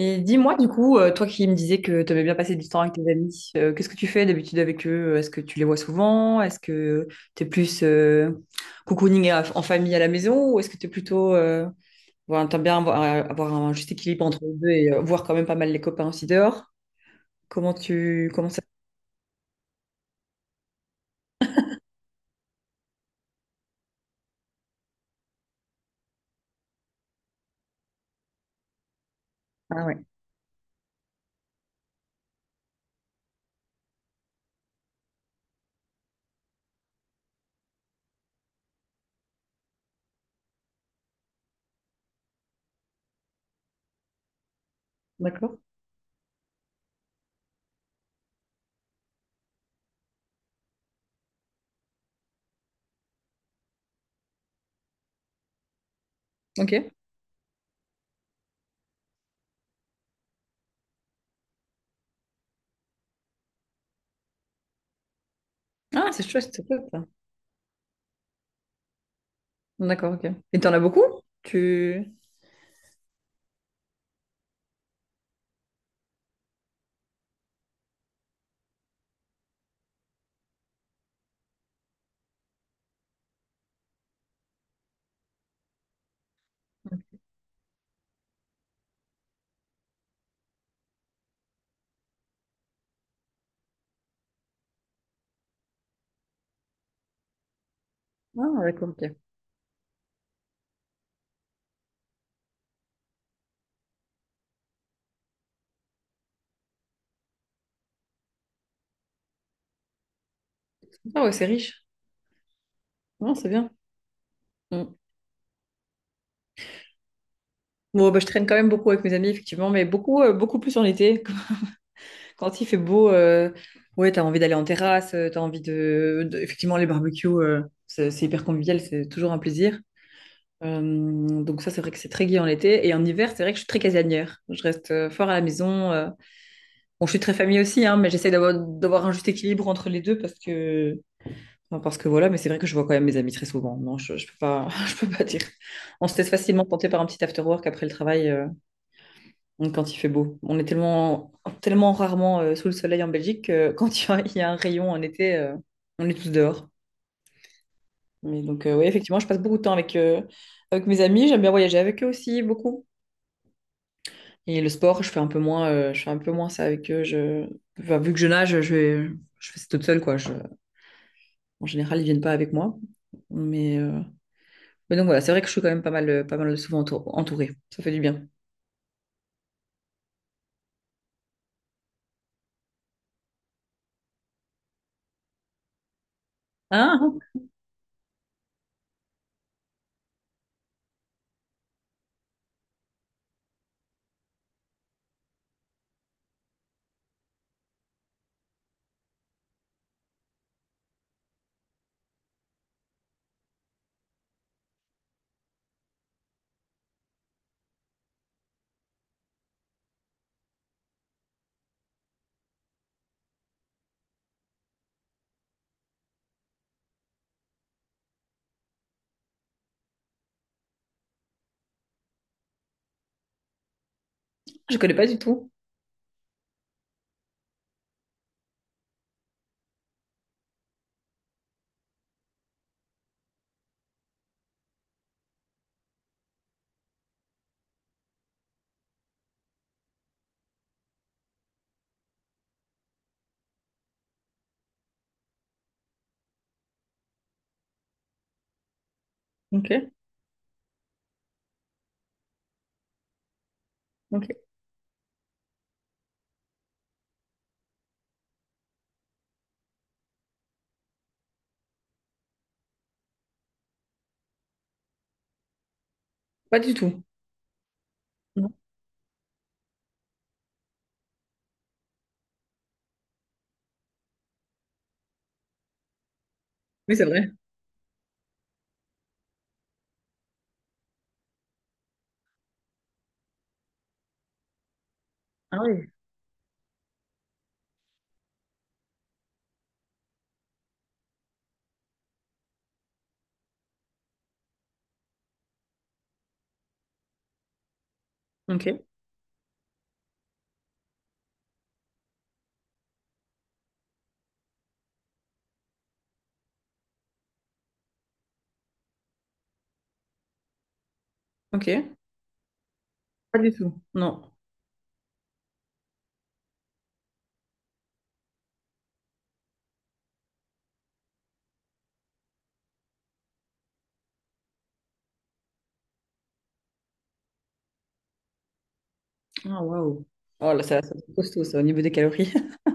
Et dis-moi du coup, toi qui me disais que tu aimais bien passer du temps avec tes amis, qu'est-ce que tu fais d'habitude avec eux? Est-ce que tu les vois souvent? Est-ce que tu es plus cocooning en famille à la maison ou est-ce que tu es plutôt... voilà, t'aimes bien avoir, avoir un juste équilibre entre les deux et voir quand même pas mal les copains aussi dehors? Comment tu... Comment ça... Ah ouais, d'accord. Ok. Ah, c'est chouette, c'est chouette. Ça. D'accord, ok. Et t'en as beaucoup? Tu... Ah, d'accord, ok. Ah ouais, c'est riche. Non, c'est bien. Mm. Bon, bah, je traîne quand même beaucoup avec mes amis, effectivement, mais beaucoup, beaucoup plus en été. Quand il fait beau, ouais, t'as envie d'aller en terrasse, t'as envie Effectivement, les barbecues, c'est hyper convivial, c'est toujours un plaisir. Euh, donc ça, c'est vrai que c'est très gai en été. Et en hiver, c'est vrai que je suis très casanière. Je reste fort à la maison. Bon, je suis très famille aussi, hein, mais j'essaie d'avoir un juste équilibre entre les deux parce que... enfin, parce que voilà, mais c'est vrai que je vois quand même mes amis très souvent. Non, je peux pas, je peux pas dire. On se laisse facilement tenter par un petit after work après le travail. Mm, quand il fait beau. On est tellement, tellement rarement sous le soleil en Belgique que quand il y a un rayon en été, on est tous dehors. Mais donc, oui, effectivement, je passe beaucoup de temps avec, avec mes amis. J'aime bien voyager avec eux aussi, beaucoup. Et le sport, je fais un peu moins, je fais un peu moins ça avec eux. Je... enfin, vu que je nage, je fais ça toute seule, quoi. Je... En général, ils viennent pas avec moi. Mais, euh, mais donc voilà, c'est vrai que je suis quand même pas mal, pas mal souvent entourée. Ça fait du bien. Ah, je connais pas du tout. Ok, ok. Pas du tout. Non. Oui, c'est vrai. Ah oui. Ok, ok. Pas du tout. Non. Ah, waouh. Oh là, ça doit être costaud, ça, au niveau des calories.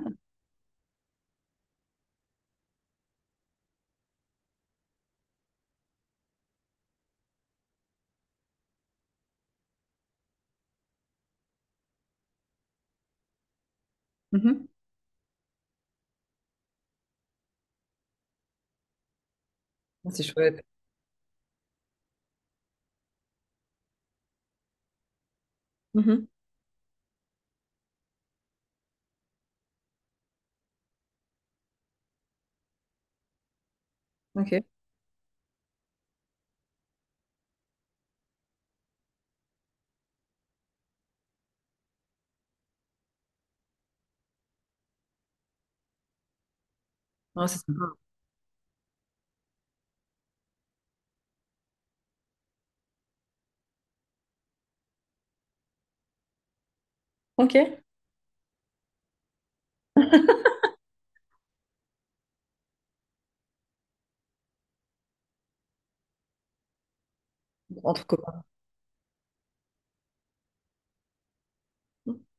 Mhm. C'est chouette. Mhm. Ok. Ah, c'est sympa. Ok. Entre copains.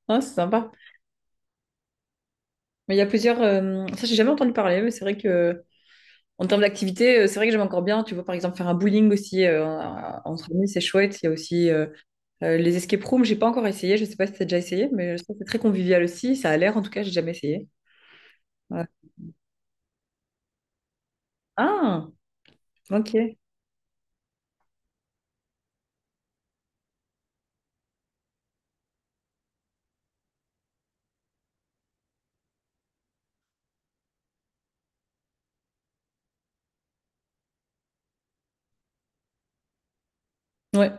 Ah, c'est sympa. Mais il y a plusieurs. Ça, j'ai jamais entendu parler, mais c'est vrai que en termes d'activité, c'est vrai que j'aime encore bien. Tu vois, par exemple, faire un bowling aussi entre amis, c'est chouette. Il y a aussi les escape rooms. J'ai pas encore essayé. Je sais pas si t'as déjà essayé, mais je trouve que c'est très convivial aussi. Ça a l'air, en tout cas, j'ai jamais essayé. Ouais. Ah, ok. Ouais,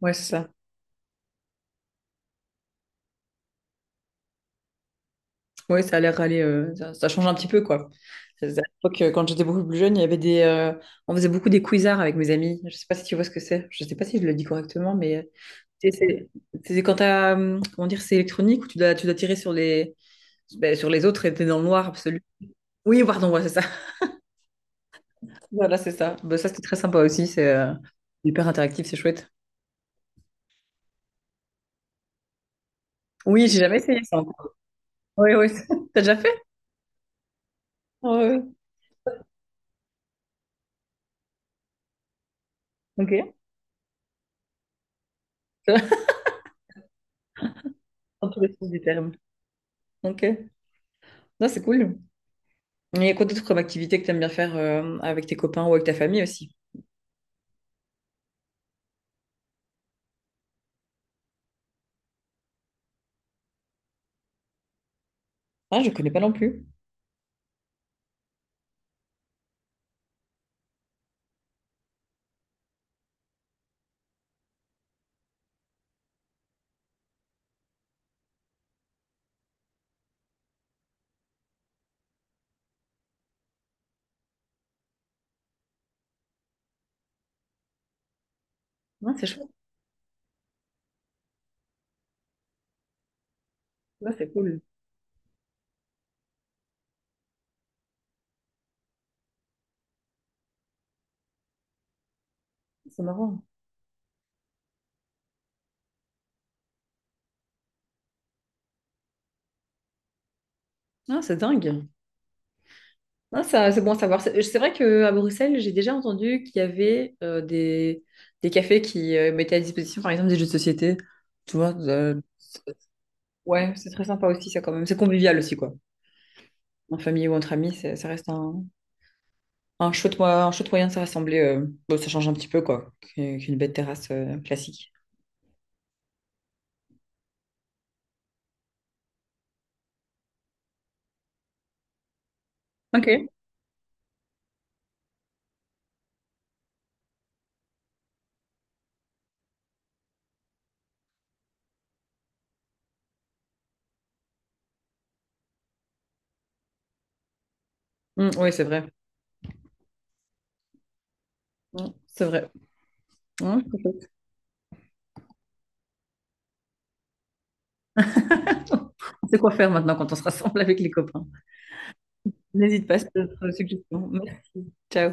ouais, c'est ça. Oui, ça a l'air d'aller. Ça, ça change un petit peu, quoi. À l'époque, quand j'étais beaucoup plus jeune, il y avait des, on faisait beaucoup des quizards avec mes amis. Je sais pas si tu vois ce que c'est. Je sais pas si je le dis correctement, mais c'est c'est- c'est quand t'as, comment dire, c'est électronique où tu dois tirer sur les, ben, sur les autres et t'es dans le noir absolu. Oui, pardon, ouais, c'est ça. Voilà, c'est ça. Ben, ça, c'était très sympa aussi. C'est hyper interactif, c'est chouette. Oui, j'ai jamais essayé ça encore. Oui, oui. T'as déjà fait? Oui, oui. Ok. Dans tous les sens du terme. Ok. Non, c'est cool. Il y a quoi d'autre comme activité que tu aimes bien faire avec tes copains ou avec ta famille aussi? Ah, je connais pas non plus. Ah, c'est chouette. Ouais, c'est cool. C'est marrant. Ah, c'est dingue. Ah, ça, c'est bon à savoir. C'est vrai qu'à Bruxelles, j'ai déjà entendu qu'il y avait des cafés qui mettaient à disposition, par exemple, des jeux de société. Tu vois, ouais, c'est très sympa aussi, ça quand même. C'est convivial aussi, quoi. En famille ou entre amis, c'est- ça reste un chouette, un chouette moyen de se rassembler. Bon, ça change un petit peu, quoi, qu'une bête terrasse classique. Ok. Mm, oui, c'est vrai. Mm, c'est vrai. Hein, peut-être. On sait quoi faire maintenant quand on se rassemble avec les copains. N'hésite pas sur d'autres suggestions. Merci. Ciao.